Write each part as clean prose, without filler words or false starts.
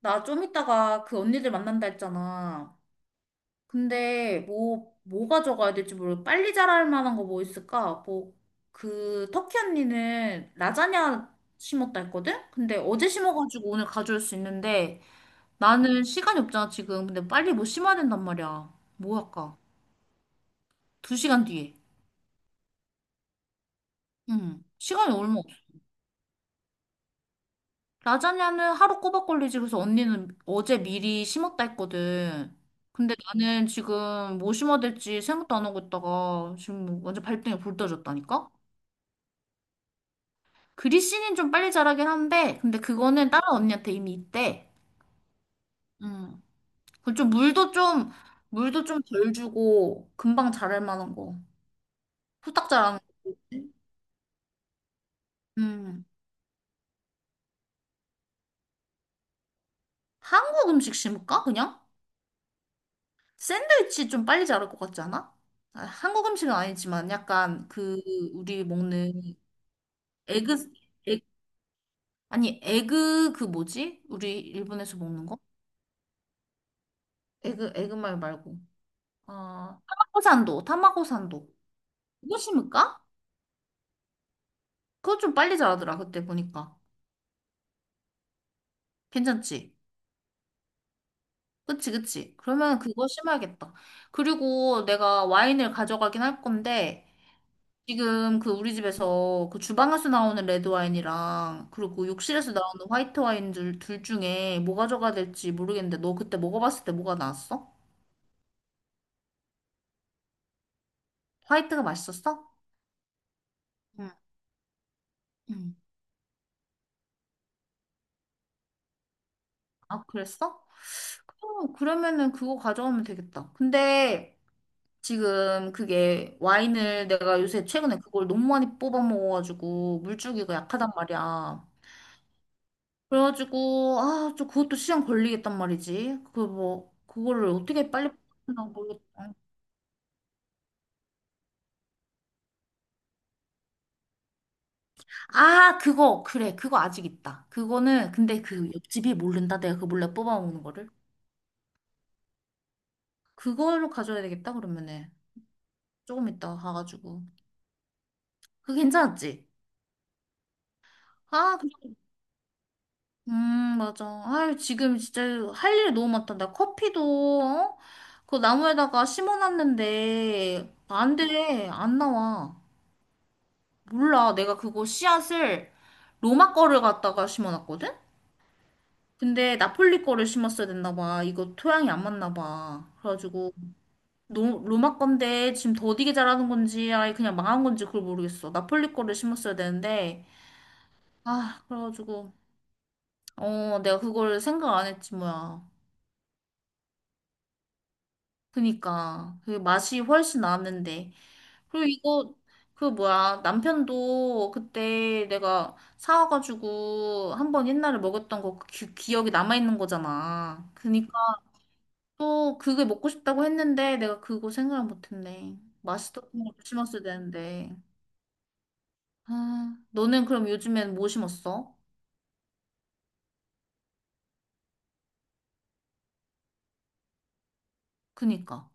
나 좀 이따가 그 언니들 만난다 했잖아. 근데 뭐 가져가야 될지 모르고 빨리 자랄 만한 거 뭐 있을까? 뭐, 그 터키 언니는 라자냐 심었다 했거든? 근데 어제 심어가지고 오늘 가져올 수 있는데 나는 시간이 없잖아, 지금. 근데 빨리 뭐 심어야 된단 말이야. 뭐 할까? 두 시간 뒤에. 응. 시간이 얼마 없어. 라자냐는 하루 꼬박 걸리지. 그래서 언니는 어제 미리 심었다 했거든. 근데 나는 지금 뭐 심어야 될지 생각도 안 하고 있다가 지금 완전 발등에 불 떠졌다니까? 그리씨는 좀 빨리 자라긴 한데, 근데 그거는 다른 언니한테 이미 있대. 음. 그좀 물도 좀, 물도 좀 덜 주고 금방 자랄 만한 거. 후딱 자라는 거지. 음. 한국 음식 심을까? 그냥? 샌드위치 좀 빨리 자랄 것 같지 않아? 아, 한국 음식은 아니지만 약간 그 우리 먹는 에그, 에, 아니, 에그, 그 뭐지? 우리 일본에서 먹는 거? 에그, 에그말 말고. 아, 타마고산도, 타마고산도. 그거 심을까? 그거 좀 빨리 자라더라, 그때 보니까. 괜찮지? 그치, 그치. 그러면 그거 심어야겠다. 그리고 내가 와인을 가져가긴 할 건데, 지금 그 우리 집에서 그 주방에서 나오는 레드 와인이랑, 그리고 욕실에서 나오는 화이트 와인 둘 중에 뭐 가져가야 될지 모르겠는데, 너 그때 먹어봤을 때 뭐가 나왔어? 화이트가 맛있었어? 응. 음. 아, 그랬어? 그러면은 그거 가져오면 되겠다. 근데 지금 그게 와인을 내가 요새 최근에 그걸 너무 많이 뽑아 먹어가지고 물줄기가 약하단 말이야. 그래가지고 아, 저 그것도 시간 걸리겠단 말이지. 그 뭐, 그거를 어떻게 빨리 뽑나 모르겠다. 아, 그거 그래. 그거 아직 있다. 그거는 근데 그 옆집이 모른다. 내가 그 몰래 뽑아 먹는 거를. 그걸로 가져야 되겠다. 그러면은 조금 이따 가가지고. 그거 괜찮았지? 아, 맞아. 아유, 지금 진짜 할 일이 너무 많다. 나 커피도, 어? 그 나무에다가 심어놨는데, 안 돼. 안 나와. 몰라. 내가 그거 씨앗을 로마 거를 갖다가 심어놨거든? 근데 나폴리 거를 심었어야 됐나 봐. 이거 토양이 안 맞나 봐. 그래가지고, 노, 로마 건데 지금 더디게 자라는 건지, 아예 그냥 망한 건지 그걸 모르겠어. 나폴리 거를 심었어야 되는데, 아, 그래가지고, 어, 내가 그걸 생각 안 했지, 뭐야. 그니까 그 맛이 훨씬 나는데 그리고 이거 그 뭐야 남편도 그때 내가 사와가지고 한번 옛날에 먹었던 거 기억이 남아있는 거잖아 그니까 또 그게 먹고 싶다고 했는데 내가 그거 생각을 못했네. 맛있었던 걸 심었어야 되는데. 아, 너는 그럼 요즘엔 뭐 심었어? 그니까.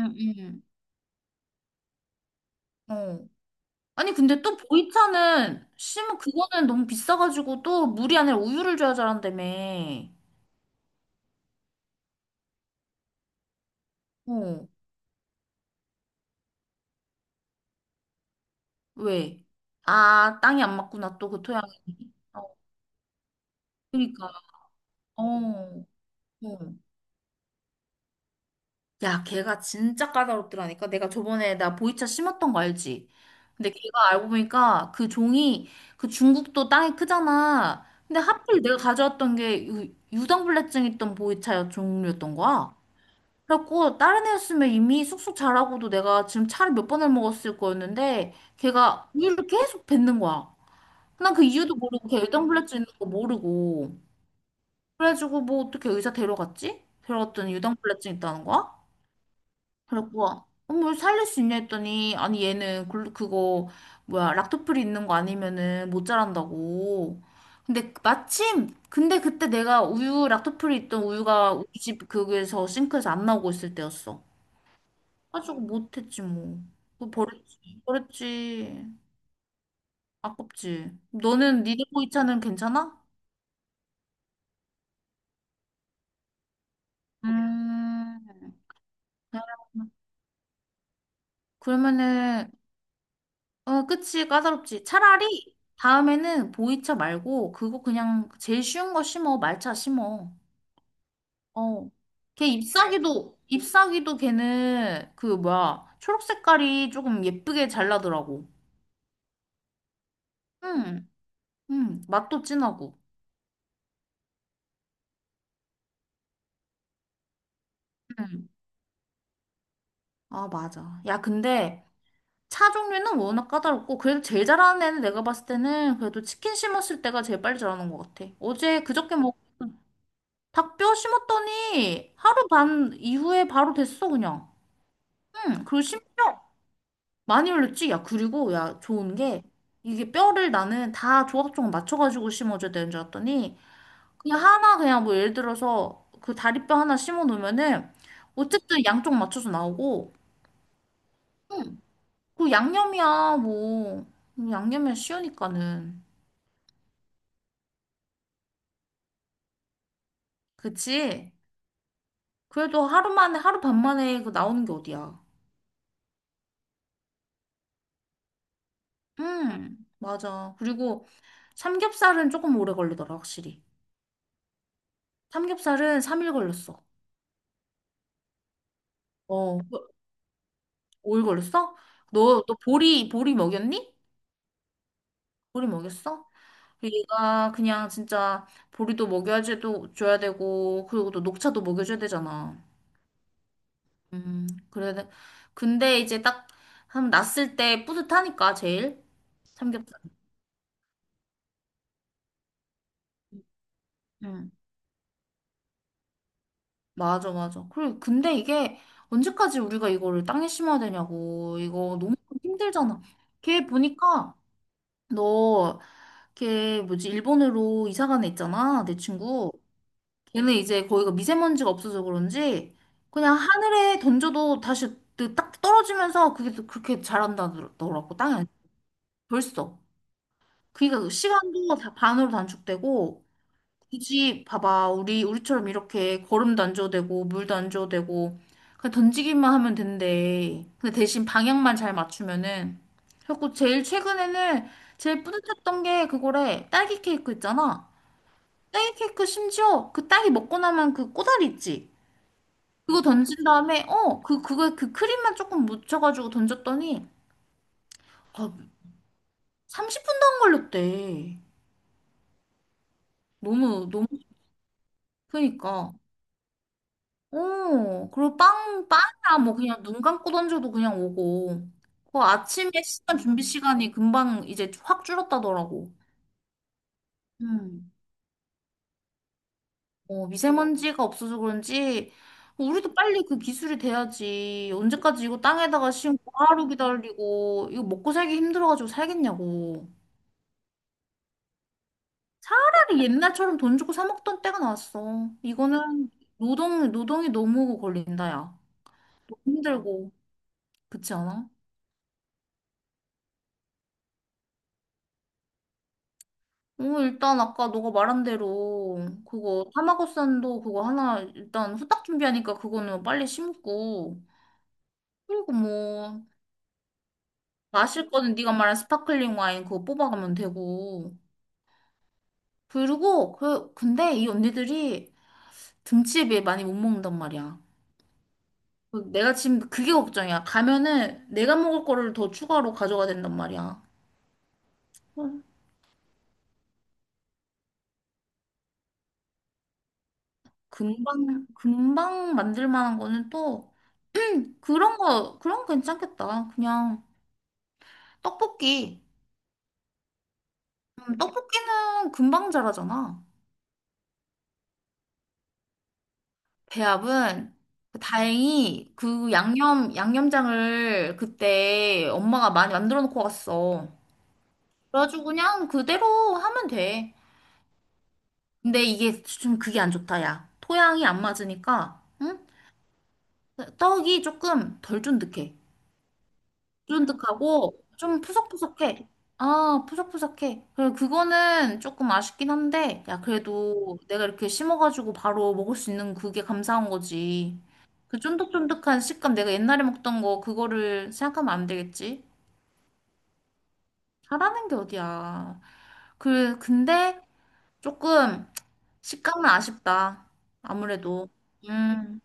응응응. 어. 아니 근데 또 보이차는 심은 그거는 너무 비싸가지고 또 물이 아니라 우유를 줘야 잘한다며. 어. 왜? 아, 땅이 안 맞구나. 또 그 토양이. 어. 그러니까. 어. 어. 야, 걔가 진짜 까다롭더라니까. 내가 저번에 나 보이차 심었던 거 알지? 근데 걔가 알고 보니까 그 종이 그 중국도 땅이 크잖아. 근데 하필 내가 가져왔던 게 유당불내증 있던 보이차 종류였던 거야. 그래갖고 다른 애였으면 이미 쑥쑥 자라고도 내가 지금 차를 몇 번을 먹었을 거였는데 걔가 우유를 계속 뱉는 거야. 난 그 이유도 모르고 걔 유당불내증 있는 거 모르고 그래가지고 뭐 어떻게 의사 데려갔지? 데려갔더니 유당불내증 있다는 거야? 그래갖고 어머 살릴 수 있냐 했더니 아니 얘는 그거 뭐야 락토프리 있는 거 아니면은 못 자란다고. 근데 마침 근데 그때 내가 우유 락토프리 있던 우유가 우리 집 그거에서 싱크에서 안 나오고 있을 때였어. 가지고 못했지 뭐. 뭐 버렸지. 버렸지. 아깝지. 너는 니네 보이차는 괜찮아? 음. 그러면은 어 그치 까다롭지. 차라리 다음에는 보이차 말고 그거 그냥 제일 쉬운 거 심어. 말차 심어. 어. 걔 잎사귀도 잎사귀도 걔는 그 뭐야 초록 색깔이 조금 예쁘게 잘 나더라고. 응. 응. 맛도 진하고. 응. 아, 맞아. 야 근데 차 종류는 워낙 까다롭고 그래도 제일 잘하는 애는 내가 봤을 때는 그래도 치킨 심었을 때가 제일 빨리 자라는 것 같아. 어제 그저께 먹 닭뼈 심었더니 하루 반 이후에 바로 됐어 그냥. 응. 그리고 심지어 많이 올렸지. 야 그리고 야 좋은 게 이게 뼈를 나는 다 조각조각 맞춰가지고 심어줘야 되는 줄 알았더니 그냥 하나 그냥 뭐 예를 들어서 그 다리뼈 하나 심어 놓으면은 어쨌든 양쪽 맞춰서 나오고 그 양념이야 뭐 양념이야 쉬우니까는. 그치? 그래도 하루 만에, 하루 반 만에 그 나오는 게 어디야. 맞아. 그리고 삼겹살은 조금 오래 걸리더라, 확실히. 삼겹살은 3일 걸렸어. 어, 5일 걸렸어? 너 보리 먹였니? 보리 먹였어? 얘가 그냥 진짜 보리도 먹여야지 또 줘야 되고, 그리고 또 녹차도 먹여줘야 되잖아. 그래. 근데 이제 딱, 한, 났을 때 뿌듯하니까, 제일. 삼겹살. 음. 맞아, 맞아. 그리고 근데 이게 언제까지 우리가 이거를 땅에 심어야 되냐고. 이거 너무 힘들잖아. 걔 보니까 너, 걔 뭐지, 일본으로 이사 간 애 있잖아. 내 친구. 걔는 이제 거기가 미세먼지가 없어서 그런지 그냥 하늘에 던져도 다시 그딱 떨어지면서 그게 또 그렇게 자란다더라고. 땅에. 벌써. 그러니까 시간도 다 반으로 단축되고 굳이 봐봐 우리 우리처럼 이렇게 거름도 안 줘도 되고 물도 안 줘도 되고 그냥 던지기만 하면 된대 근데 대신 방향만 잘 맞추면은 그래갖고 제일 최근에는 제일 뿌듯했던 게 그거래. 딸기 케이크 있잖아. 딸기 케이크 심지어 그 딸기 먹고 나면 그 꼬다리 있지 그거 던진 다음에 어 그 그거 그 크림만 조금 묻혀가지고 던졌더니 아 30분도 안 걸렸대. 너무 너무. 그니까. 오, 그리고 빵, 빵이야, 뭐, 그냥 눈 감고 던져도 그냥 오고. 그 아침에 시간, 준비 시간이 금방 이제 확 줄었다더라고. 음. 어, 미세먼지가 없어서 그런지, 우리도 빨리 그 기술이 돼야지. 언제까지 이거 땅에다가 심고 하루 기다리고, 이거 먹고 살기 힘들어가지고 살겠냐고. 차라리 옛날처럼 돈 주고 사 먹던 때가 나왔어. 이거는 노동이 너무 걸린다, 야. 힘들고. 그렇지 않아? 어, 일단 아까 너가 말한 대로 그거 타마고산도 그거 하나 일단 후딱 준비하니까 그거는 빨리 심고 그리고 뭐 마실 거는 네가 말한 스파클링 와인 그거 뽑아가면 되고 그리고 그 근데 이 언니들이 등치에 많이 못 먹는단 말이야. 그 내가 지금 그게 걱정이야. 가면은 내가 먹을 거를 더 추가로 가져가야 된단 말이야. 음. 금방 금방 만들 만한 거는 또 그런 거 그런 거 괜찮겠다. 그냥 떡볶이. 떡볶이는 금방 자라잖아. 배합은 다행히 그 양념장을 그때 엄마가 많이 만들어 놓고 갔어. 그래가지고 그냥 그대로 하면 돼. 근데 이게 좀 그게 안 좋다, 야. 토양이 안 맞으니까, 응? 떡이 조금 덜 쫀득해. 쫀득하고 좀 푸석푸석해. 아, 푸석푸석해. 그래, 그거는 조금 아쉽긴 한데, 야, 그래도 내가 이렇게 심어가지고 바로 먹을 수 있는 그게 감사한 거지. 그 쫀득쫀득한 식감 내가 옛날에 먹던 거, 그거를 생각하면 안 되겠지? 잘하는 게 어디야. 그, 근데 조금 식감은 아쉽다. 아무래도. 음,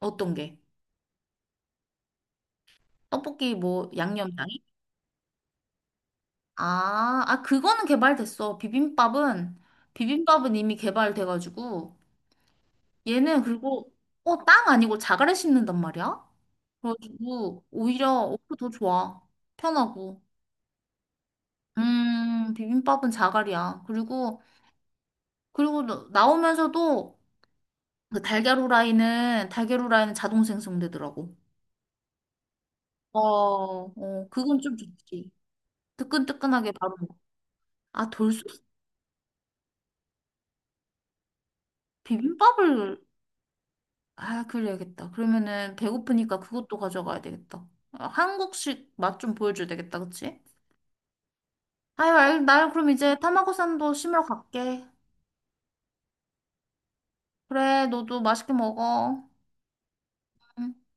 어떤 게? 떡볶이 뭐 양념. 아, 아, 그거는 개발됐어. 비빔밥은, 비빔밥은 이미 개발돼가지고, 얘는 그리고, 어, 땅 아니고 자갈에 심는단 말이야? 그래가지고, 오히려, 어, 더 좋아. 편하고. 비빔밥은 자갈이야. 그리고, 그리고 나오면서도, 그 달걀 후라이는, 달걀 후라이는 자동 생성되더라고. 어, 어, 그건 좀 좋지. 뜨끈뜨끈하게 바로 먹어. 아, 돌솥 비빔밥을. 아, 그래야겠다. 그러면은 배고프니까 그것도 가져가야 되겠다. 아, 한국식 맛 좀 보여줘야 되겠다, 그치? 아유, 알, 나 그럼 이제 타마고산도 심으러 갈게. 그래, 너도 맛있게 먹어. 응.